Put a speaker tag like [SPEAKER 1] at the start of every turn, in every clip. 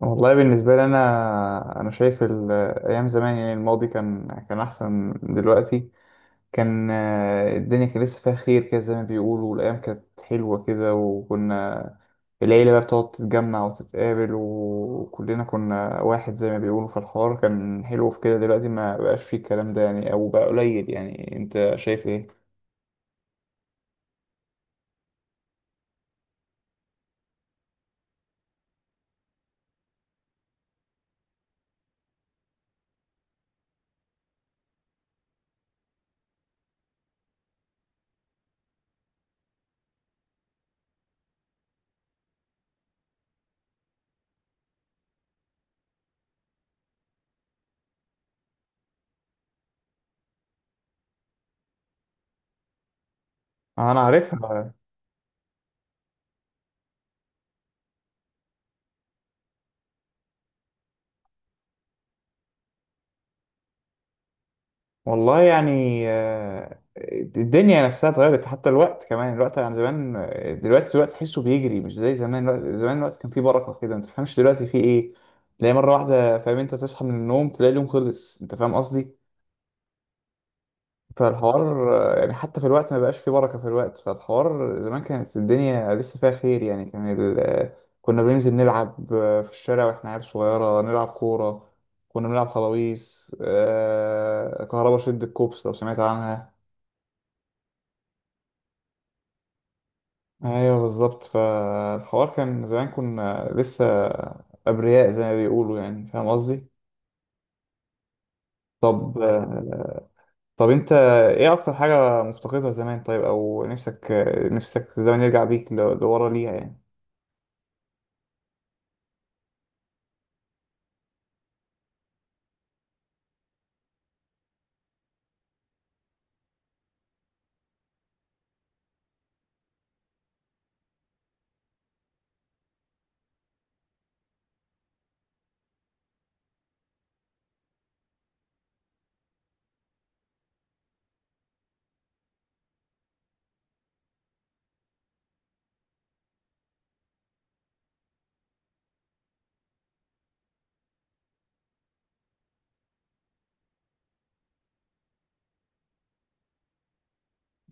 [SPEAKER 1] والله بالنسبة لي أنا شايف أيام زمان يعني الماضي كان أحسن من دلوقتي. كان الدنيا كان لسه فيها خير كده زي ما بيقولوا، والأيام كانت حلوة كده، وكنا العيلة بقى بتقعد تتجمع وتتقابل وكلنا كنا واحد زي ما بيقولوا. في الحوار كان حلو في كده، دلوقتي ما بقاش فيه الكلام ده يعني أو بقى قليل. يعني أنت شايف إيه؟ أنا عارفها. والله يعني الدنيا نفسها اتغيرت، حتى الوقت كمان الوقت عن زمان. دلوقتي الوقت تحسه بيجري مش زي زمان. الوقت زمان الوقت كان فيه بركة كده، ما تفهمش دلوقتي فيه ايه. تلاقي مرة واحدة فاهم، انت تصحى من النوم تلاقي اليوم خلص، انت فاهم قصدي. فالحوار يعني حتى في الوقت ما بقاش فيه بركة في الوقت. فالحوار زمان كانت الدنيا لسه فيها خير يعني، كان كنا بننزل نلعب في الشارع واحنا عيال صغيرة نلعب كورة. كنا بنلعب خلاويص، كهربا، شد الكوبس لو سمعت عنها. ايوه بالظبط. فالحوار كان زمان كنا لسه ابرياء زي ما بيقولوا يعني، فاهم قصدي. طب طب انت، ايه اكتر حاجه مفتقدها زمان؟ طيب، او نفسك، نفسك الزمن يرجع بيك لورا ليها يعني.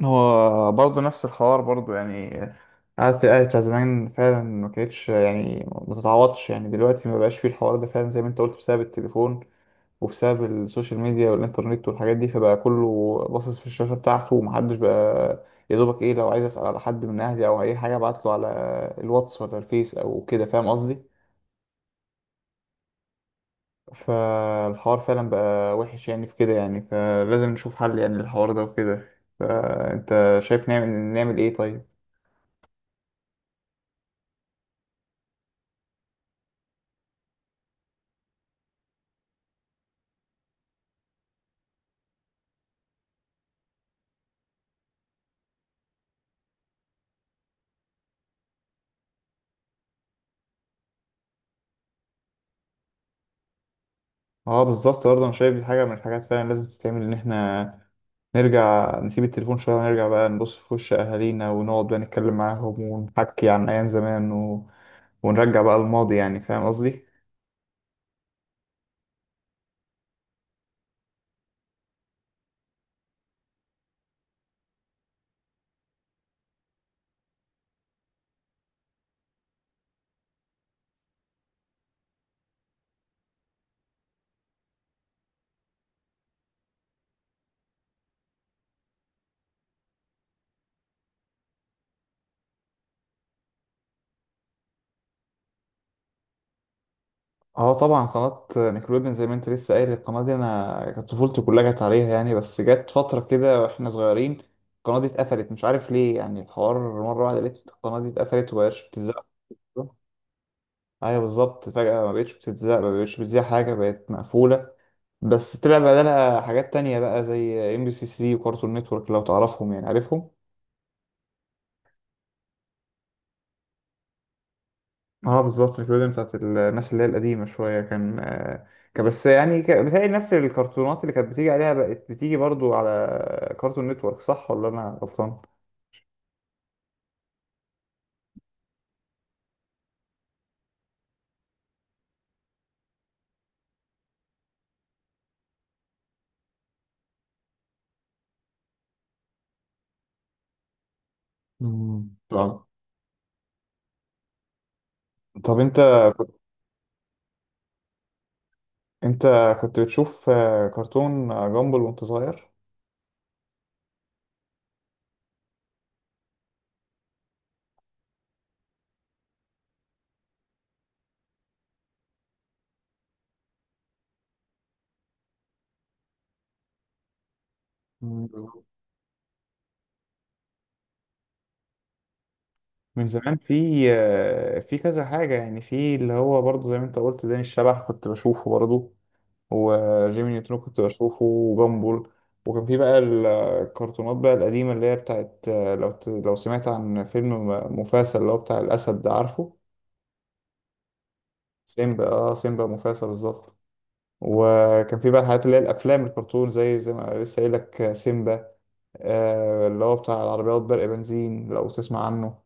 [SPEAKER 1] هو برضه نفس الحوار برضه يعني. قعدة الأهل بتاع زمان فعلا ما كانتش يعني ما تتعوضش يعني. دلوقتي ما بقاش فيه الحوار ده فعلا زي ما انت قلت، بسبب التليفون وبسبب السوشيال ميديا والإنترنت والحاجات دي. فبقى كله باصص في الشاشة بتاعته، ومحدش بقى، يا دوبك إيه، لو عايز أسأل على حد من أهلي أو أي حاجة أبعتله على الواتس ولا الفيس أو كده، فاهم قصدي؟ فالحوار فعلا بقى وحش يعني في كده يعني. فلازم نشوف حل يعني للحوار ده وكده. فأنت شايف نعمل إيه طيب؟ اه بالظبط، برضه انا شايف دي حاجه من الحاجات فعلا لازم تتعمل، ان احنا نرجع نسيب التليفون شويه ونرجع بقى نبص في وش اهالينا ونقعد بقى نتكلم معاهم ونحكي عن ايام زمان ونرجع بقى الماضي يعني، فاهم قصدي. اه طبعا قناة نيكلوديان زي ما انت لسه قايل، القناة دي انا كانت طفولتي كلها جت عليها يعني. بس جت فترة كده واحنا صغيرين، القناة دي اتقفلت. مش عارف ليه يعني، الحوار مرة واحدة لقيت القناة دي اتقفلت ومبقتش بتتذاع. ايوه بالظبط، فجأة ما بقتش بتتذاع، ما بقتش بتذاع حاجة بقت مقفولة. بس طلع بدلها حاجات تانية بقى زي ام بي سي 3 وكارتون نتورك، لو تعرفهم يعني. عارفهم. اه بالظبط، الكوميديا بتاعت الناس اللي هي القديمة شوية كان كان بس يعني، بتهيألي نفس الكرتونات اللي كانت بتيجي عليها بقت بتيجي برضو على كارتون نتورك، صح ولا انا غلطان؟ مم. طب انت كنت بتشوف كرتون جامبل وانت صغير؟ من زمان في في كذا حاجة يعني. في اللي هو برضه زي ما انت قلت داني الشبح، كنت بشوفه برضه، وجيمي نيوترون كنت بشوفه، وبامبول. وكان في بقى الكرتونات بقى القديمة اللي هي بتاعت لو لو سمعت عن فيلم مفاسا اللي هو بتاع الأسد ده، عارفه؟ سيمبا، اه سيمبا مفاسا بالظبط. وكان في بقى الحاجات اللي هي الأفلام الكرتون زي ما لسه قايل لك، سيمبا، آه اللي هو بتاع العربيات برق بنزين لو تسمع عنه.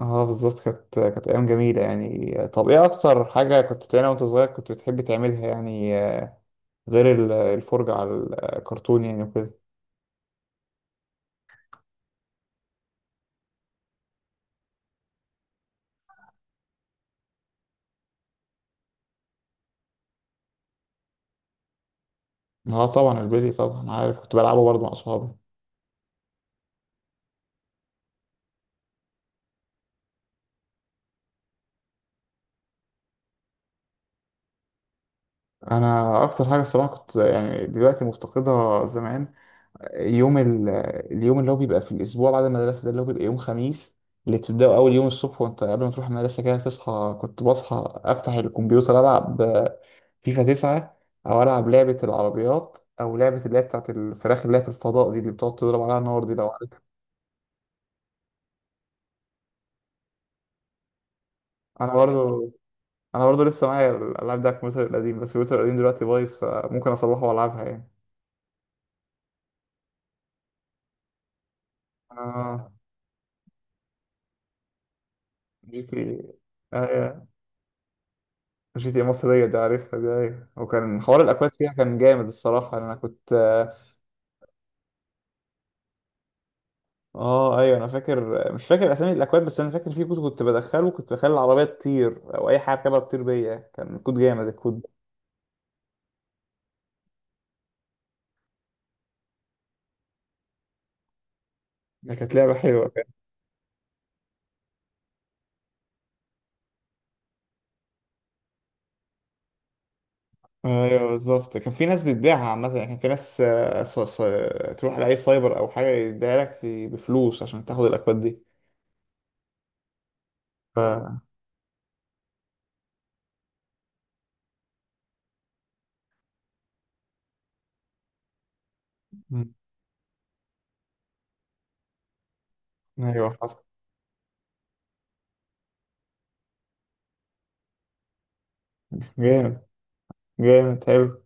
[SPEAKER 1] اه بالظبط، كانت ايام جميله يعني. طب ايه اكتر حاجه كنت بتعملها وانت صغير كنت بتحب تعملها يعني، غير الفرجه على الكرتون يعني وكده؟ اه طبعا البلي، طبعا عارف، كنت بلعبه برضه مع اصحابي. انا اكتر حاجه الصراحه كنت يعني دلوقتي مفتقدها زمان، يوم ال... اليوم اللي هو بيبقى في الأسبوع بعد المدرسة ده اللي هو بيبقى يوم خميس. اللي بتبدأه أول يوم الصبح، وأنت قبل ما تروح المدرسة كده تصحى، كنت بصحى أفتح الكمبيوتر ألعب فيفا تسعة، أو ألعب لعبة العربيات، أو لعبة اللي هي بتاعت الفراخ اللي هي في الفضاء دي اللي بتقعد تضرب عليها النار دي، لو عارف. أنا برضه أنا برضه لسه معايا الألعاب ده على الكمبيوتر القديم، بس الكمبيوتر القديم دلوقتي بايظ، فممكن أصلحه وألعبها يعني. آه. جيتي، جي تي مصرية دي عارفها دي، أيوة. وكان حوار الأكواد فيها كان جامد الصراحة، أنا كنت آه. أيوة أنا فاكر، مش فاكر أسامي الأكواد، بس أنا فاكر في كود كنت بدخله كنت بخلي العربية تطير، أو أي حاجة كده تطير بيا، كان كود جامد الكود ده. ده كانت لعبة حلوة كان. أيوة بالظبط، كان في ناس بتبيعها عامة يعني. كان في ناس تروح لأي سايبر أو حاجة يديها لك بفلوس عشان تاخد الأكواد دي. ف... مم. أيوة حصل. جامد. جامد، حلو.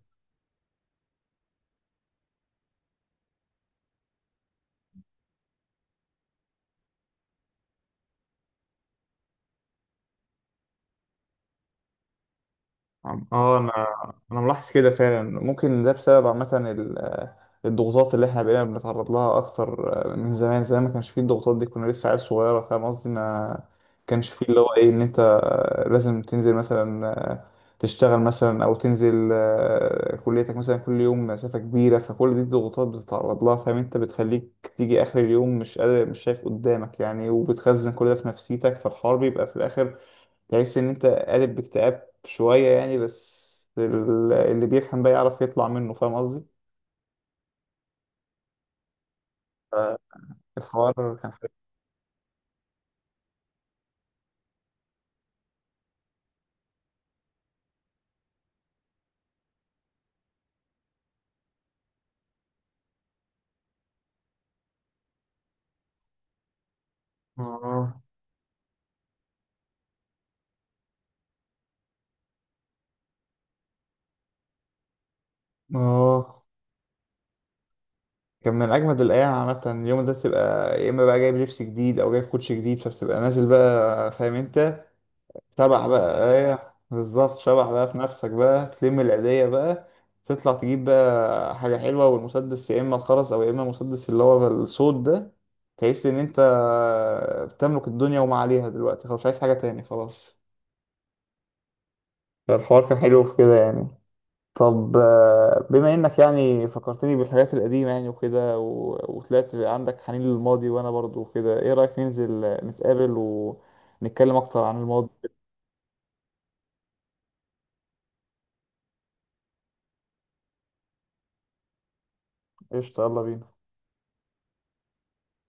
[SPEAKER 1] عم- اه انا انا ملاحظ كده فعلا. ممكن ده بسبب عامه الضغوطات اللي احنا بقينا بنتعرض لها اكتر من زمان. زمان ما كانش فيه الضغوطات دي، كنا لسه عيال صغيره، فاهم قصدي. ما كانش فيه اللي هو ايه، ان انت لازم تنزل مثلا تشتغل مثلا، او تنزل كليتك مثلا كل يوم مسافه كبيره. فكل دي الضغوطات بتتعرض لها فاهم انت، بتخليك تيجي اخر اليوم مش قادر، مش شايف قدامك يعني، وبتخزن كل ده في نفسيتك. فالحوار بيبقى في الاخر تحس ان انت قالب باكتئاب شوية يعني. بس اللي بيفهم بقى يعرف يطلع منه، فاهم قصدي. الحوار كان حلو. اه اه كان من اجمد الايام عامة. اليوم ده تبقى يا اما بقى جايب لبس جديد او جايب كوتش جديد، فبتبقى نازل بقى فاهم انت، شبح بقى. ايه بالظبط، شبح بقى في نفسك، بقى تلم العيدية بقى تطلع تجيب بقى حاجة حلوة، والمسدس يا إما الخرز أو يا إما المسدس اللي هو الصوت ده. تحس إن أنت بتملك الدنيا وما عليها، دلوقتي خلاص مش عايز حاجة تاني خلاص. فالحوار كان حلو في كده يعني. طب بما إنك يعني فكرتني بالحاجات القديمة يعني وكده وطلعت عندك حنين للماضي، وأنا برضو وكده، إيه رأيك ننزل نتقابل ونتكلم أكتر عن الماضي؟ قشطة، يلا بينا.